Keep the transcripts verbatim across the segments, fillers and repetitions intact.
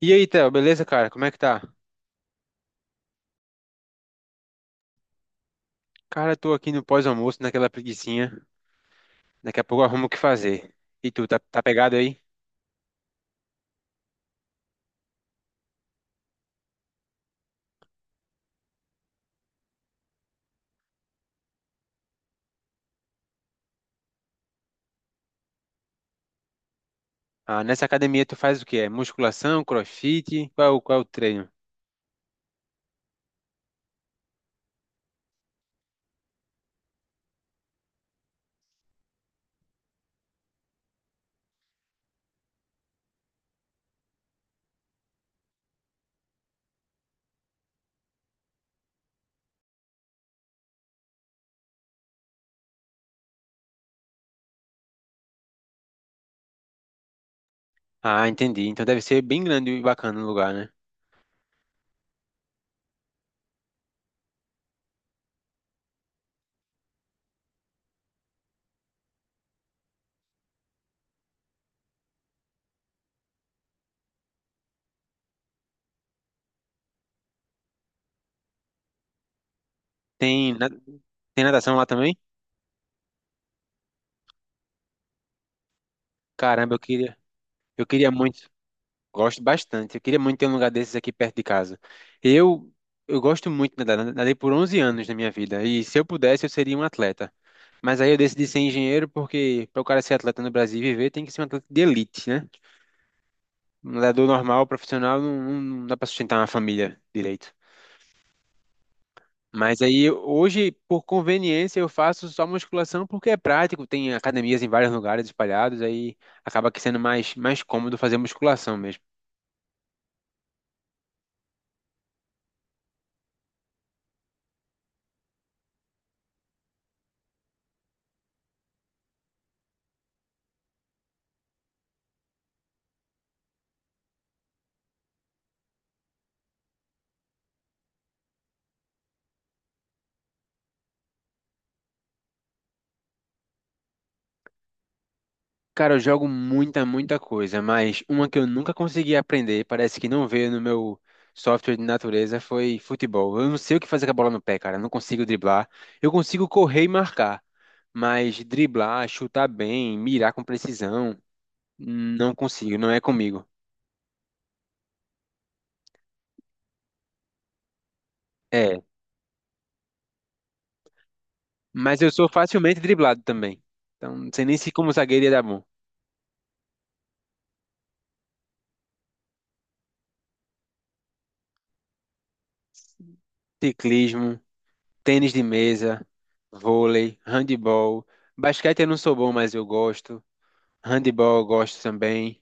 E aí, Theo, beleza, cara? Como é que tá? Cara, eu tô aqui no pós-almoço, naquela preguicinha. Daqui a pouco eu arrumo o que fazer. E tu, tá, tá pegado aí? Ah, nessa academia tu faz o quê? É musculação, crossfit? Qual, é o- qual é o treino? Ah, entendi. Então deve ser bem grande e bacana o lugar, né? Tem, na- Tem natação lá também? Caramba, eu queria, eu queria muito. Gosto bastante. Eu queria muito ter um lugar desses aqui perto de casa. Eu, eu gosto muito de nadar. Nadei por onze anos na minha vida. E se eu pudesse, eu seria um atleta. Mas aí eu decidi ser engenheiro porque para o cara ser atleta no Brasil e viver tem que ser um atleta de elite, né? Um nadador normal, profissional, não, não- não dá para sustentar uma família direito. Mas aí hoje, por conveniência, eu faço só musculação porque é prático, tem academias em vários lugares espalhados, aí acaba que sendo mais, mais cômodo fazer musculação mesmo. Cara, eu jogo muita, muita coisa, mas uma que eu nunca consegui aprender, parece que não veio no meu software de natureza, foi futebol. Eu não sei o que fazer com a bola no pé, cara. Eu não consigo driblar. Eu consigo correr e marcar, mas driblar, chutar bem, mirar com precisão, não consigo, não é comigo. É, mas eu sou facilmente driblado também. Então, não sei nem se como zagueiro ia dar bom. Ciclismo, tênis de mesa, vôlei, handebol, basquete eu não sou bom, mas eu gosto. Handebol eu gosto também.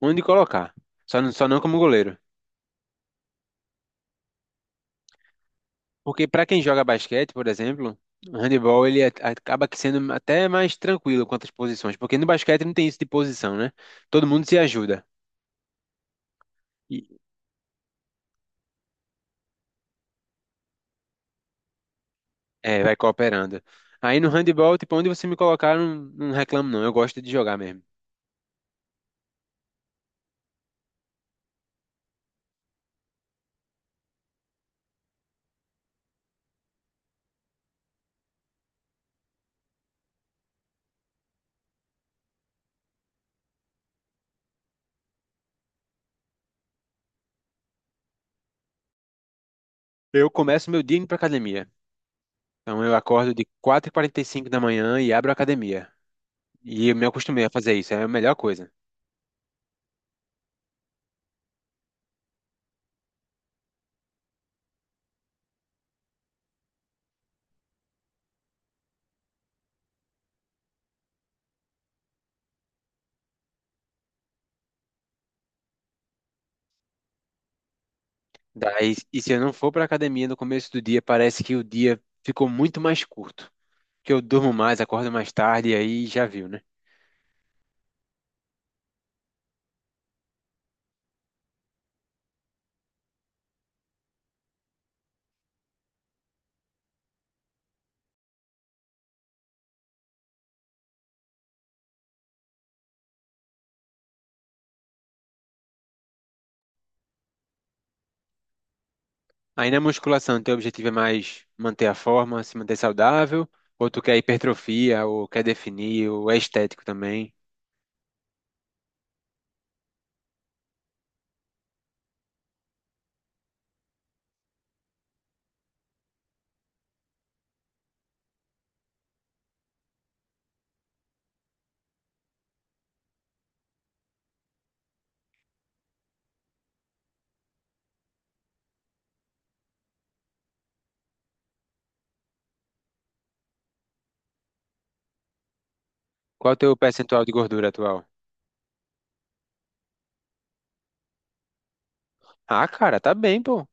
Onde colocar? Só não, só não como goleiro. Porque para quem joga basquete, por exemplo, o handebol ele a- acaba que sendo até mais tranquilo quanto às posições, porque no basquete não tem isso de posição, né? Todo mundo se ajuda e é, vai cooperando. Aí no handebol, tipo, onde você me colocar, eu não, não reclamo não, eu gosto de jogar mesmo. Eu começo meu dia indo pra academia. Então eu acordo de quatro e quarenta e cinco da manhã e abro a academia. E eu me acostumei a fazer isso, é a melhor coisa. Daí, e se eu não for para academia no começo do dia, parece que o dia ficou muito mais curto. Que eu durmo mais, acordo mais tarde, e aí já viu, né? Aí na musculação, teu objetivo é mais manter a forma, se manter saudável, ou tu quer hipertrofia, ou quer definir, ou é estético também. Qual é o teu percentual de gordura atual? Ah, cara, tá bem, pô.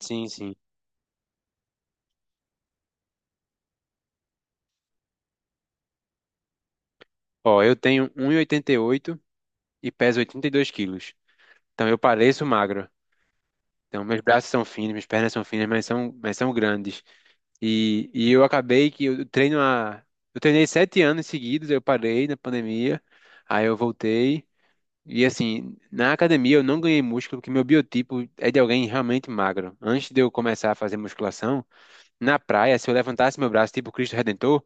Sim, sim. Ó, eu tenho um vírgula oitenta e oito e oitenta e oito e peso oitenta e dois quilos. Então eu pareço magro. Então meus braços são finos, minhas pernas são finas, mas são, mas são grandes. E, e eu acabei que eu treino há. Eu treinei sete anos seguidos, eu parei na pandemia, aí eu voltei. E assim, na academia eu não ganhei músculo, porque meu biotipo é de alguém realmente magro. Antes de eu começar a fazer musculação, na praia, se eu levantasse meu braço tipo Cristo Redentor,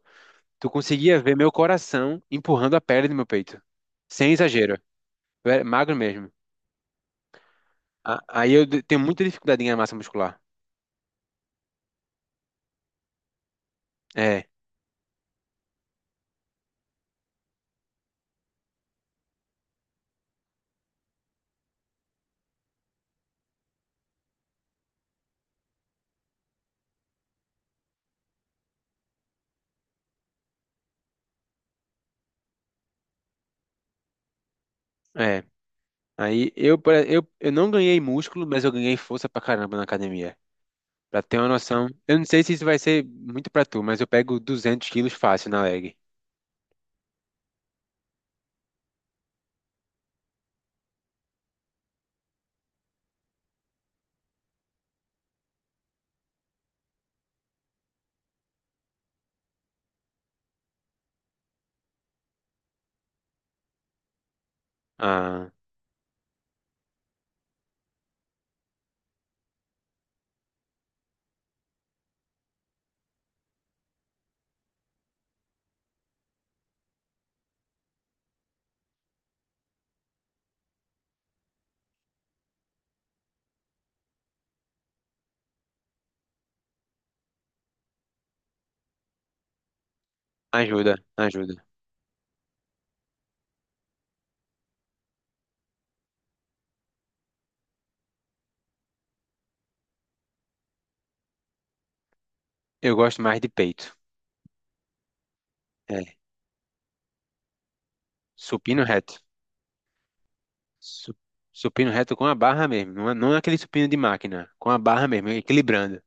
tu conseguia ver meu coração empurrando a pele do meu peito. Sem exagero. Eu era magro mesmo. A- Aí eu de- tenho muita dificuldade em ganhar massa muscular. É, é. Aí eu, pare- eu, eu não ganhei músculo, mas eu ganhei força pra caramba na academia. Pra ter uma noção, eu não sei se isso vai ser muito pra tu, mas eu pego duzentos quilos fácil na leg. Ah, ajuda, ajuda. Eu gosto mais de peito. É, supino reto. Su- Supino reto com a barra mesmo, não é, não é aquele supino de máquina, com a barra mesmo, equilibrando.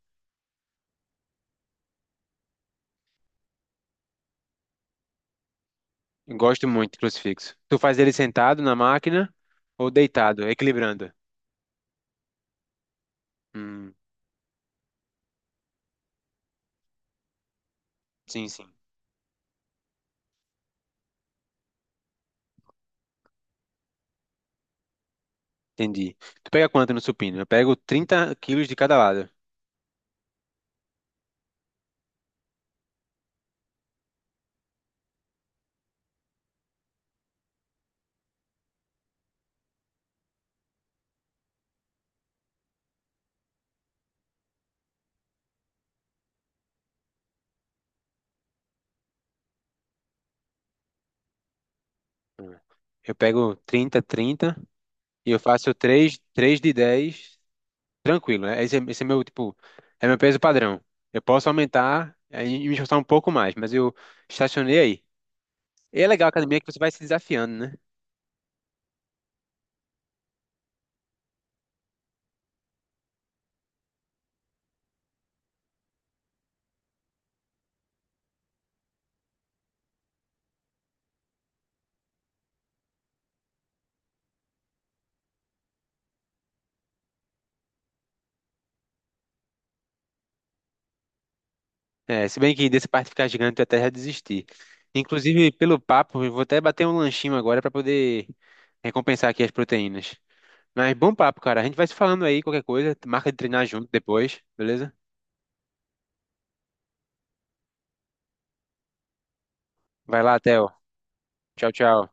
Eu gosto muito de crucifixo. Tu faz ele sentado na máquina ou deitado, equilibrando? Hum, sim, sim. Entendi. Tu pega quanto no supino? Eu pego trinta quilos de cada lado. Hum. Eu pego trinta, trinta e eu faço três, três de dez. Tranquilo, né? Esse é, esse é meu, tipo, é meu peso padrão. Eu posso aumentar é, e me esforçar um pouco mais, mas eu estacionei aí. E é legal a academia que você vai se desafiando, né? É, se bem que dessa parte de ficar gigante eu até já desisti. Inclusive, pelo papo, eu vou até bater um lanchinho agora para poder recompensar aqui as proteínas. Mas bom papo, cara. A gente vai se falando aí, qualquer coisa. Marca de treinar junto depois, beleza? Vai lá, Theo. Tchau, tchau.